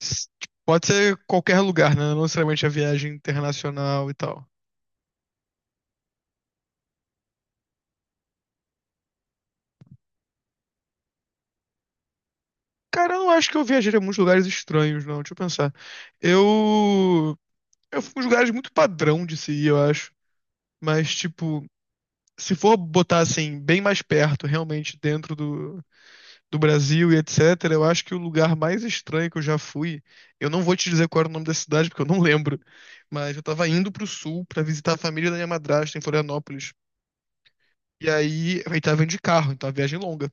S- Pode ser qualquer lugar, né? Não necessariamente a viagem internacional e tal. Cara, eu não acho que eu viajaria a muitos lugares estranhos, não. Deixa eu pensar. Eu. Eu fui em uns lugares muito padrão de se ir, eu acho. Mas, tipo, se for botar assim, bem mais perto, realmente, dentro do Brasil e etc., eu acho que o lugar mais estranho que eu já fui. Eu não vou te dizer qual era o nome da cidade, porque eu não lembro. Mas eu tava indo pro sul pra visitar a família da minha madrasta em Florianópolis. E aí, eu tava indo de carro, então a viagem é longa.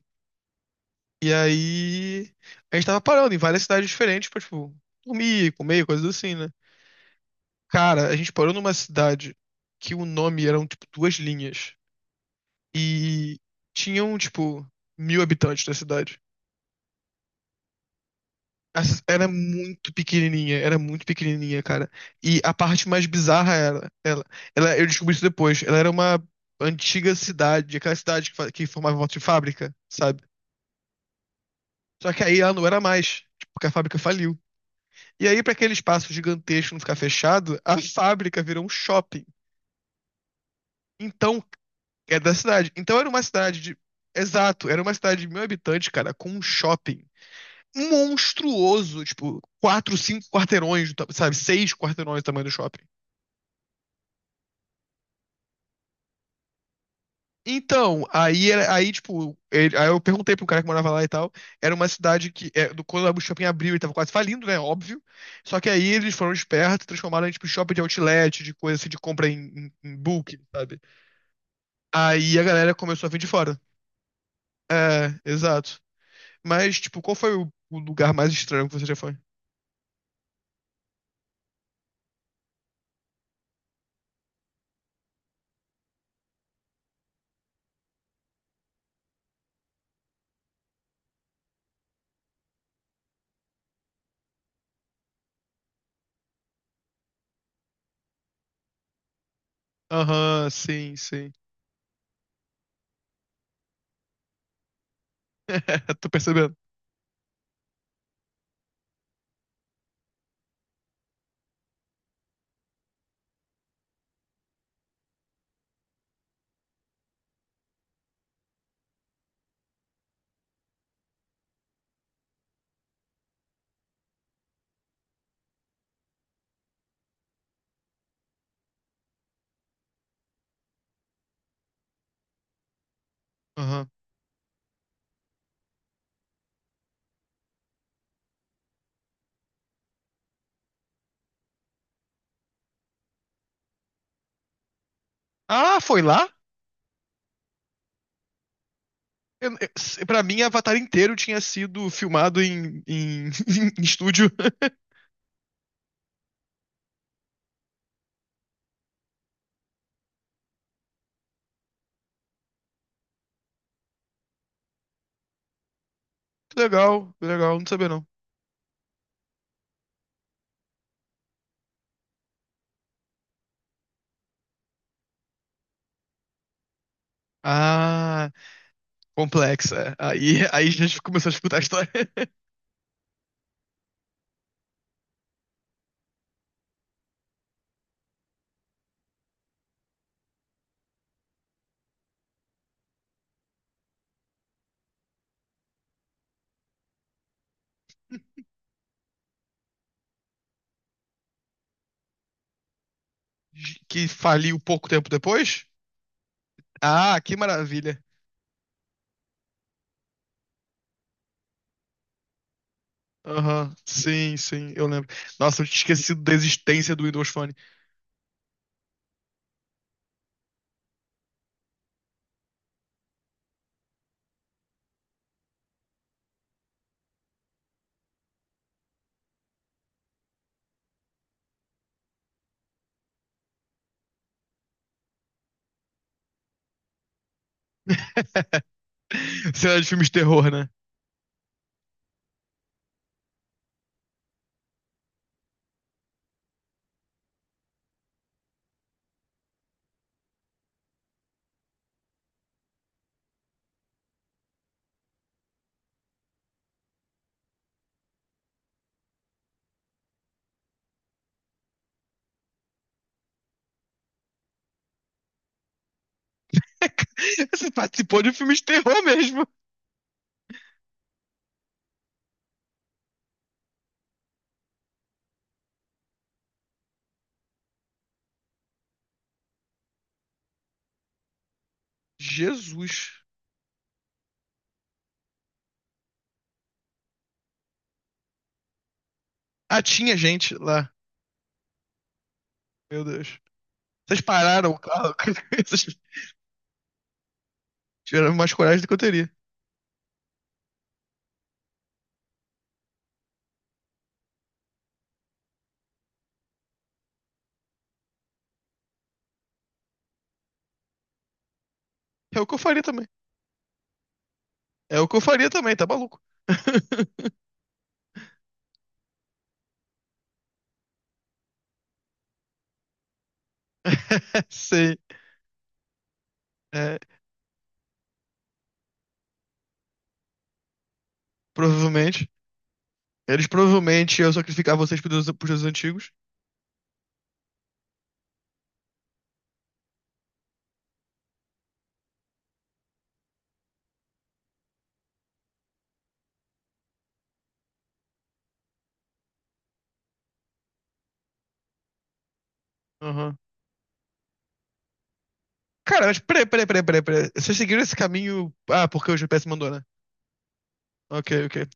E aí a gente tava parando em várias cidades diferentes pra, tipo, dormir, comer, coisas assim, né? Cara, a gente parou numa cidade que o nome eram, tipo, duas linhas. E tinham, tipo, mil habitantes da cidade. A era muito pequenininha, cara. E a parte mais bizarra era, ela, eu descobri isso depois, ela era uma antiga cidade, aquela cidade que formava volta de fábrica, sabe? Só que aí ela não era mais, tipo, porque a fábrica faliu. E aí, para aquele espaço gigantesco não ficar fechado, a fábrica virou um shopping. Então, é da cidade. Então era uma cidade de. Exato, era uma cidade de mil habitantes, cara, com um shopping monstruoso, tipo, quatro, cinco quarteirões, sabe? Seis quarteirões do tamanho do shopping. Então, aí, aí tipo, aí eu perguntei pro cara que morava lá e tal. Era uma cidade que, é, quando o shopping abriu, ele tava quase falindo, né? Óbvio. Só que aí eles foram espertos, transformaram em, tipo, shopping de outlet, de coisa assim, de compra em bulk, sabe? Aí a galera começou a vir de fora. É, exato. Mas, tipo, qual foi o lugar mais estranho que você já foi? Aham, sim, sim. Tô percebendo. Aham. Ah, foi lá? Pra mim, Avatar inteiro tinha sido filmado em estúdio. Que legal, não sabia não. Ah, complexa. Aí a gente começou a escutar a história que faliu pouco tempo depois. Ah, que maravilha. Aham, sim, sim, eu lembro. Nossa, eu tinha esquecido da existência do Windows Phone. Cena de filme de terror, né? Você participou de um filme de terror mesmo. Jesus. Ah, tinha gente lá. Meu Deus. Vocês pararam o carro. Vocês tiveram mais coragem do que eu teria. É o que eu faria também. É o que eu faria também, tá maluco? sim. É, provavelmente. Eles provavelmente iam sacrificar vocês pros deuses, deuses antigos. Aham. Cara, mas peraí, peraí, peraí, peraí, peraí. Vocês seguiram esse caminho. Ah, porque o GPS mandou, né? Ok, ok.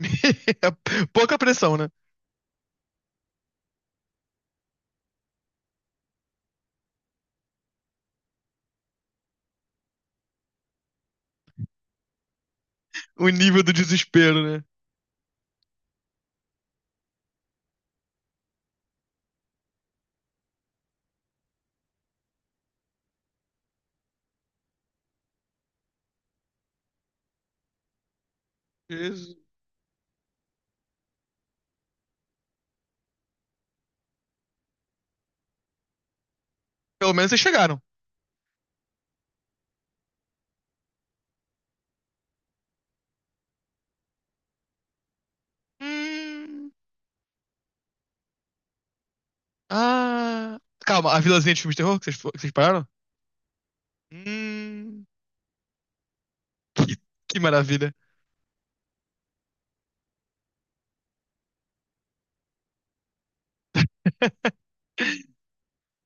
Pouca pressão, né? O nível do desespero, né? Jesus. Pelo menos vocês chegaram. Hum. Ah. Calma, a vilazinha de filme de terror que vocês pararam? Hum, que, que maravilha.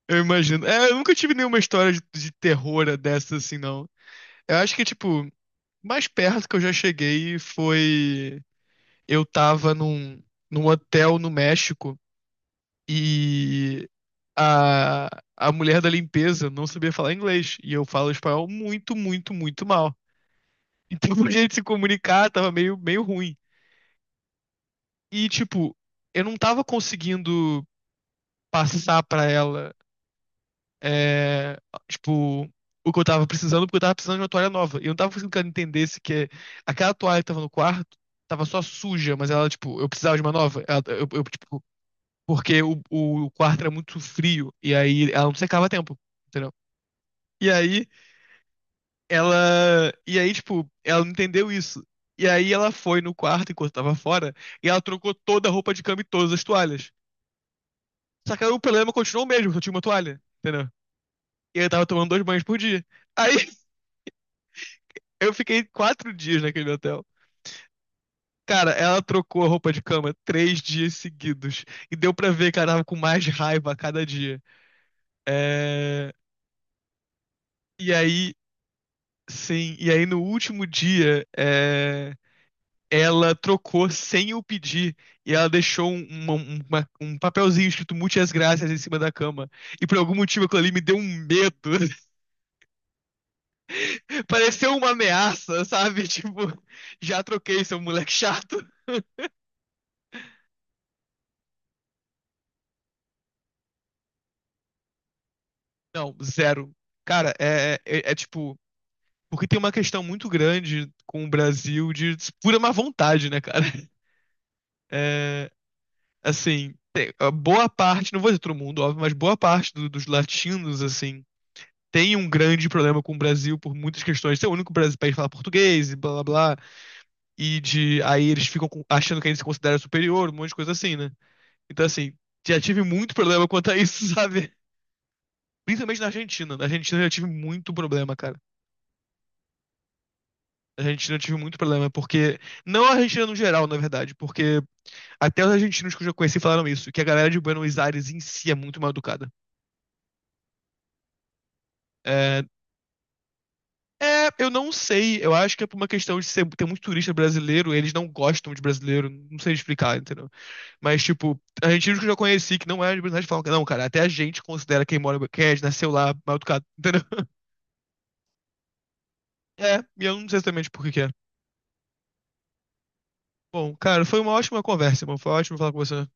Eu imagino. É, eu nunca tive nenhuma história de terror dessa assim, não. Eu acho que, tipo, mais perto que eu já cheguei foi. Eu tava num hotel no México e a, a mulher da limpeza não sabia falar inglês. E eu falo espanhol muito, muito, muito mal. Então, pra gente se comunicar, tava meio, meio ruim. E, tipo, eu não tava conseguindo passar pra ela. É, tipo, o que eu tava precisando, porque eu tava precisando de uma toalha nova. E eu não tava conseguindo que ela entendesse que aquela toalha que tava no quarto tava só suja, mas ela, tipo, eu precisava de uma nova. Tipo, porque o quarto era muito frio, e aí ela não secava a tempo, entendeu? E aí ela. E aí, tipo, ela não entendeu isso. E aí ela foi no quarto enquanto tava fora, e ela trocou toda a roupa de cama e todas as toalhas. Só que aí o problema continuou o mesmo, só tinha uma toalha, entendeu? E eu tava tomando dois banhos por dia. Aí eu fiquei 4 dias naquele hotel. Cara, ela trocou a roupa de cama 3 dias seguidos. E deu pra ver que ela tava com mais raiva a cada dia. É, e aí, sim, e aí no último dia, é, ela trocou sem eu pedir. E ela deixou um papelzinho escrito Muitas Graças em cima da cama. E por algum motivo aquilo ali me deu um medo. Pareceu uma ameaça, sabe? Tipo, já troquei, seu moleque chato. Não, zero. Cara, tipo. Porque tem uma questão muito grande com o Brasil de pura má vontade, né, cara? É, assim, a boa parte, não vou dizer todo mundo, óbvio, mas boa parte dos latinos, assim, tem um grande problema com o Brasil por muitas questões. Ser o único país que fala português e blá blá blá. E de aí eles ficam achando que a gente se considera superior, um monte de coisa assim, né? Então, assim, já tive muito problema quanto a isso, sabe? Principalmente na Argentina. Na Argentina eu já tive muito problema, cara. Na Argentina eu tive muito problema, porque. Não a Argentina no geral, na verdade, porque até os argentinos que eu já conheci falaram isso, que a galera de Buenos Aires em si é muito mal educada. É, é, eu não sei, eu acho que é por uma questão de ser, ter muito turista brasileiro, eles não gostam de brasileiro, não sei explicar, entendeu? Mas, tipo, argentinos que eu já conheci que não é de Buenos Aires falam que não, cara, até a gente considera quem mora, quem é, nasceu lá, mal educado, entendeu? É, e eu não sei exatamente por que que é. Bom, cara, foi uma ótima conversa, irmão, foi ótimo falar com você.